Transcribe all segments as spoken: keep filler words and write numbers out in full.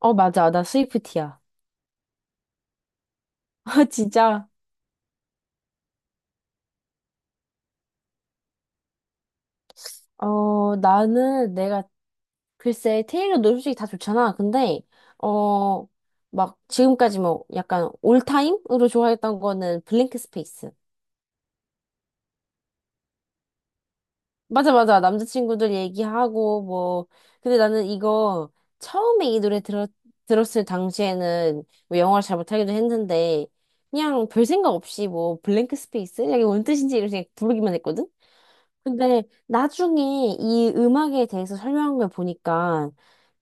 어, 맞아. 나 스위프티야. 진짜. 어, 나는 내가 글쎄 테일러도 솔직히 다 좋잖아. 근데 어, 막 지금까지 뭐 약간 올타임으로 좋아했던 거는 블랭크 스페이스. 맞아, 맞아. 남자친구들 얘기하고 뭐. 근데 나는 이거 처음에 이 노래 들었, 들었을 당시에는 뭐 영어를 잘 못하기도 했는데 그냥 별 생각 없이 뭐 블랭크 스페이스? 이게 뭔 뜻인지 이렇게 부르기만 했거든? 근데 나중에 이 음악에 대해서 설명한 걸 보니까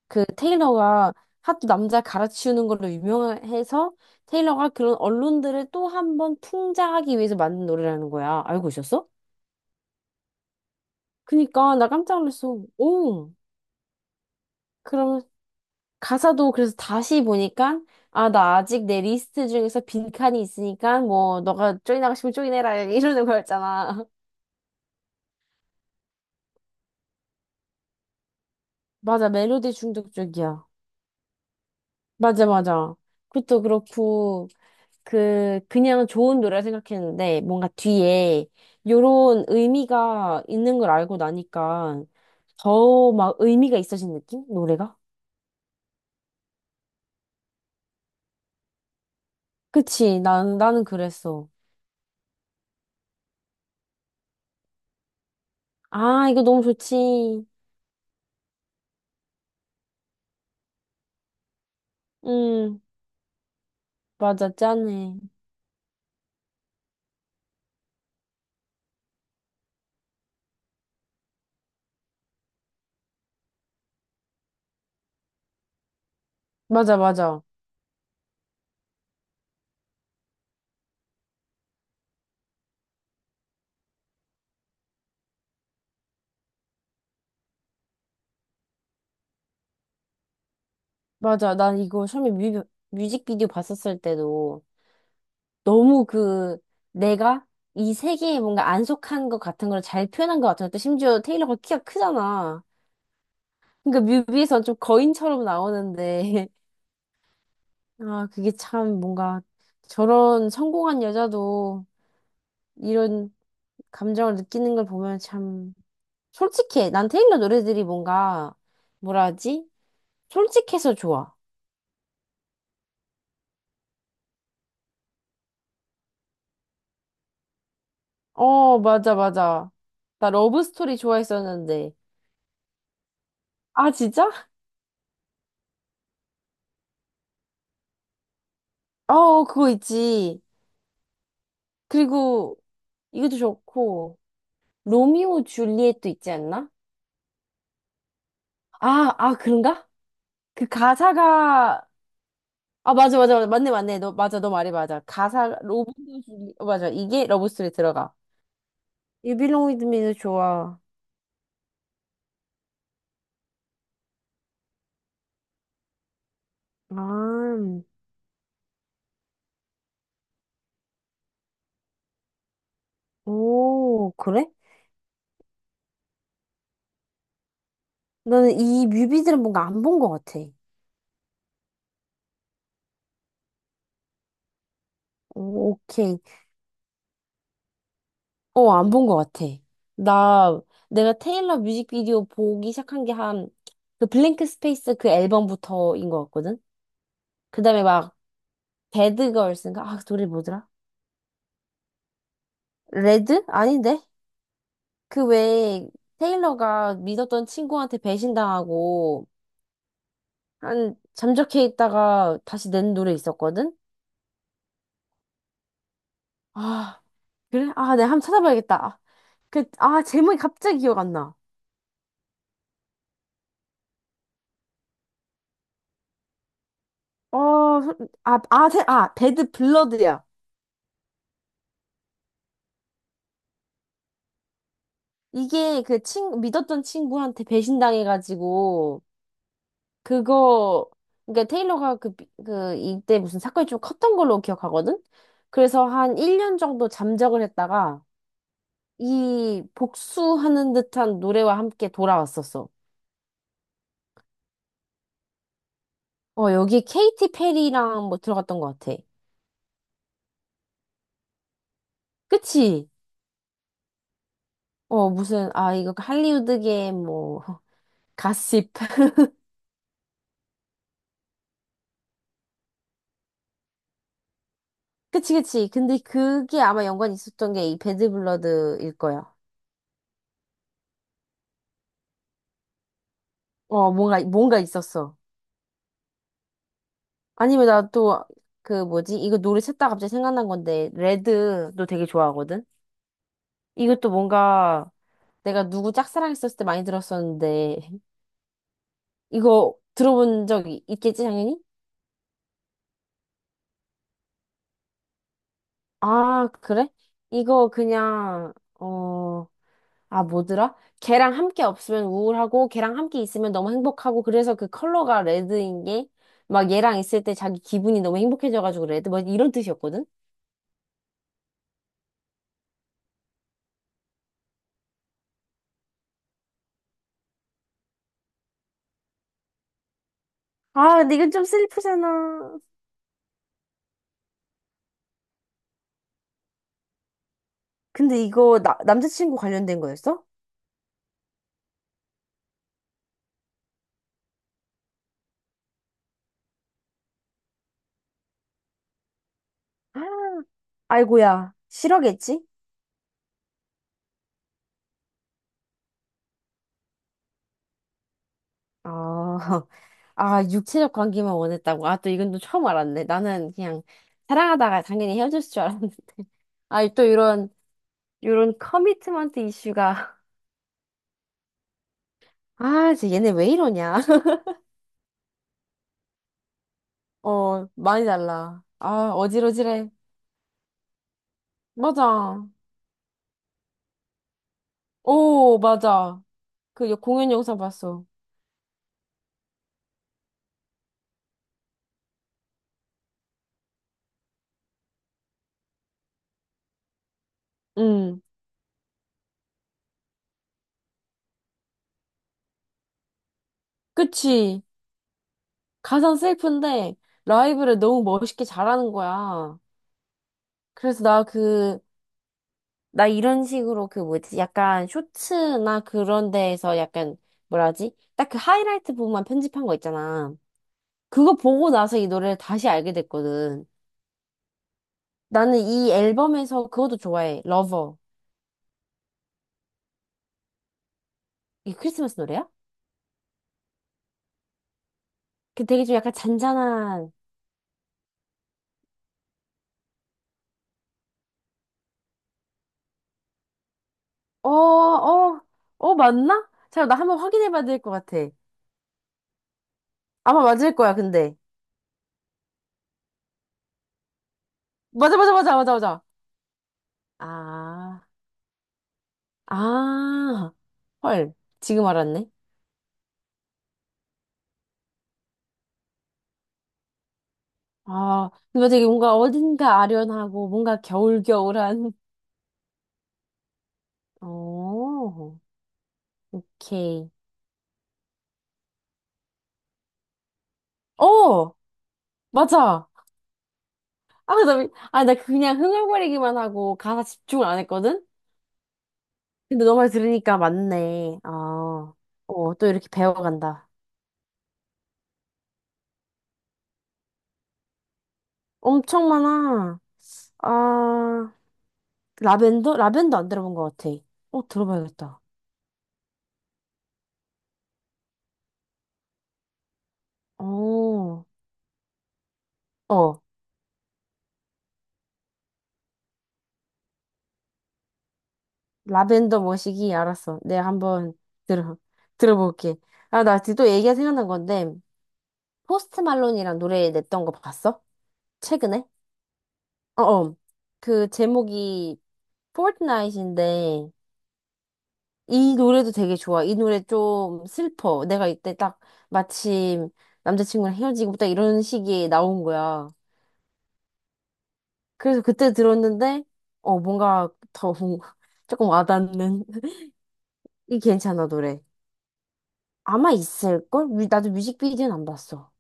그 테일러가 하도 남자 갈아치우는 걸로 유명해서 테일러가 그런 언론들을 또 한번 풍자하기 위해서 만든 노래라는 거야. 알고 있었어? 그니까 나 깜짝 놀랐어. 오. 그럼 가사도 그래서 다시 보니까 아, 나 아직 내 리스트 중에서 빈칸이 있으니까 뭐 너가 쪼이나가 싶으면 쪼이내라 이러는 거였잖아. 맞아. 멜로디 중독적이야. 맞아, 맞아. 그것도 그렇고 그, 그냥 좋은 노래 생각했는데, 뭔가 뒤에 요런 의미가 있는 걸 알고 나니까 더 막 의미가 있어진 느낌? 노래가? 그치, 난, 나는 그랬어. 아, 이거 너무 좋지. 음, 맞아, 짠해. 맞아, 맞아. 맞아, 난 이거 처음에 뮤, 뮤직비디오 봤었을 때도 너무 그, 내가 이 세계에 뭔가 안 속한 것 같은 걸 잘 표현한 것 같은 것도 심지어 테일러가 키가 크잖아. 그러니까 뮤비에서 좀 거인처럼 나오는데 아 그게 참 뭔가 저런 성공한 여자도 이런 감정을 느끼는 걸 보면 참 솔직해. 난 테일러 노래들이 뭔가 뭐라 하지? 솔직해서 좋아. 어 맞아 맞아. 나 러브 스토리 좋아했었는데 아 진짜? 어 어, 그거 있지. 그리고 이것도 좋고 로미오 줄리엣도 있지 않나? 아 아 그런가? 그 가사가 아, 맞아, 맞아, 맞아. 맞네, 맞네. 너, 맞아, 너 말이 맞아. 가사, 로봇, 줄리- 어, 맞아. 이게 러브스토리 들어가. You belong with me도 좋아. 아, 오, 그래? 나는 이 뮤비들은 뭔가 안 본 것 같아. 오, 오케이. 어, 안 본 것 같아. 나, 내가 테일러 뮤직비디오 보기 시작한 게 한, 그 블랭크 스페이스 그 앨범부터인 것 같거든? 그 다음에 막, 배드걸스인가? 아, 그 노래 뭐더라? 레드? 아닌데? 그 외에 테일러가 믿었던 친구한테 배신당하고 한 잠적해 있다가 다시 낸 노래 있었거든? 아, 그래? 아, 내가 한번 찾아봐야겠다. 아, 그, 아, 제목이 갑자기 기억 안 나. 어, 소- 아, 아, 세- 아, 배드 블러드야. 이게 그 친, 믿었던 친구한테 배신당해가지고, 그거, 그러니까 테일러가 그, 비- 그, 이때 무슨 사건이 좀 컸던 걸로 기억하거든? 그래서 한 일 년 정도 잠적을 했다가, 이 복수하는 듯한 노래와 함께 돌아왔었어. 어, 여기 케이티 페리랑 뭐 들어갔던 것 같아. 그치? 어, 무슨, 아, 이거 할리우드계 뭐, 가십. 그치, 그치. 근데 그게 아마 연관이 있었던 게 이 배드 블러드일 거야. 어, 뭔가, 뭔가 있었어. 아니면 나 또, 그 뭐지? 이거 노래 찾다 갑자기 생각난 건데, 레드도 되게 좋아하거든? 이것도 뭔가 내가 누구 짝사랑했었을 때 많이 들었었는데, 이거 들어본 적이 있겠지, 당연히? 아, 그래? 이거 그냥, 어, 아, 뭐더라? 걔랑 함께 없으면 우울하고, 걔랑 함께 있으면 너무 행복하고, 그래서 그 컬러가 레드인 게, 막 얘랑 있을 때 자기 기분이 너무 행복해져가지고 레드, 뭐 이런 뜻이었거든? 아, 근데 이건 좀 슬프잖아. 근데 이거 나, 남자친구 관련된 거였어? 아, 아이고야, 싫어겠지? 아, 아, 육체적 관계만 원했다고. 아, 또 이건 또 처음 알았네. 나는 그냥 사랑하다가 당연히 헤어질 줄 알았는데. 아, 또 이런, 이런 커미트먼트 이슈가. 아, 진짜 얘네 왜 이러냐. 어, 많이 달라. 아, 어질어질해. 맞아. 오, 맞아. 그 여- 공연 영상 봤어. 응, 그치. 가상 셀프인데 라이브를 너무 멋있게 잘하는 거야. 그래서 나그 나 이런 식으로 그 뭐지? 약간 쇼츠나 그런 데에서 약간 뭐라지? 딱 그 하이라이트 부분만 편집한 거 있잖아. 그거 보고 나서 이 노래를 다시 알게 됐거든. 나는 이 앨범에서 그것도 좋아해. 러버. 이게 크리스마스 노래야? 그 되게 좀 약간 잔잔한. 어, 어, 어, 맞나? 자, 나 한번 확인해 봐야 될 것 같아. 아마 맞을 거야, 근데. 맞아, 맞아, 맞아, 맞아, 맞아. 아, 아, 헐. 지금 알았네. 아, 근데 되게 뭔가 어딘가 아련하고 뭔가 겨울겨울한. 오, 오케이. 어, 맞아. 아, 나, 아, 나 그냥 흥얼거리기만 하고 가사 집중을 안 했거든? 근데 너 말 들으니까 맞네. 아, 어, 또 이렇게 배워간다. 엄청 많아. 아, 라벤더? 라벤더 안 들어본 것 같아. 어, 들어봐야겠다. 어, 어. 라벤더 머시기 알았어. 내가 한번 들어 들어볼게. 아, 나 또 얘기가 생각난 건데 포스트 말론이랑 노래 냈던 거 봤어? 최근에? 어, 어. 그 제목이 포트나잇인데 이 노래도 되게 좋아. 이 노래 좀 슬퍼. 내가 이때 딱 마침 남자친구랑 헤어지고 딱 이런 시기에 나온 거야. 그래서 그때 들었는데 어 뭔가 더 뭔가 조금 와닿는 이 괜찮아 노래. 아마 있을걸? 뮤- 나도 뮤직비디오는 안 봤어.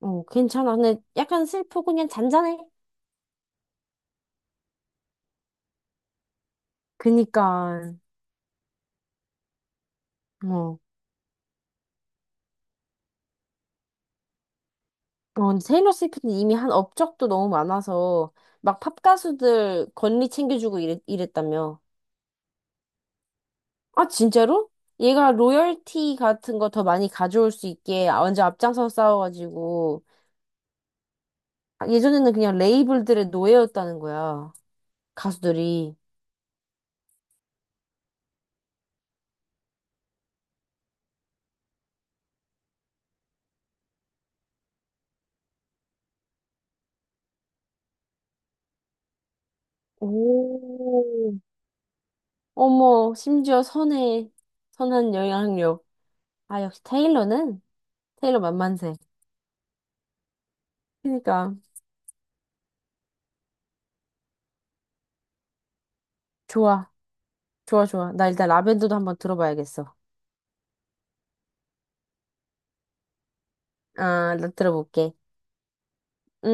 어, 괜찮아. 근데 약간 슬프고 그냥 잔잔해. 그니까, 어. 어, 테일러 스위프트는 이미 한 업적도 너무 많아서 막 팝 가수들 권리 챙겨주고 이랬, 이랬다며. 아, 진짜로? 얘가 로열티 같은 거 더 많이 가져올 수 있게 완전 앞장서 싸워가지고 아, 예전에는 그냥 레이블들의 노예였다는 거야. 가수들이. 오. 어머, 심지어 선해. 선한 영향력. 아, 역시 테일러는? 테일러 만만세. 그니까. 좋아. 좋아, 좋아. 나 일단 라벤더도 한번 들어봐야겠어. 아, 나 들어볼게. 응?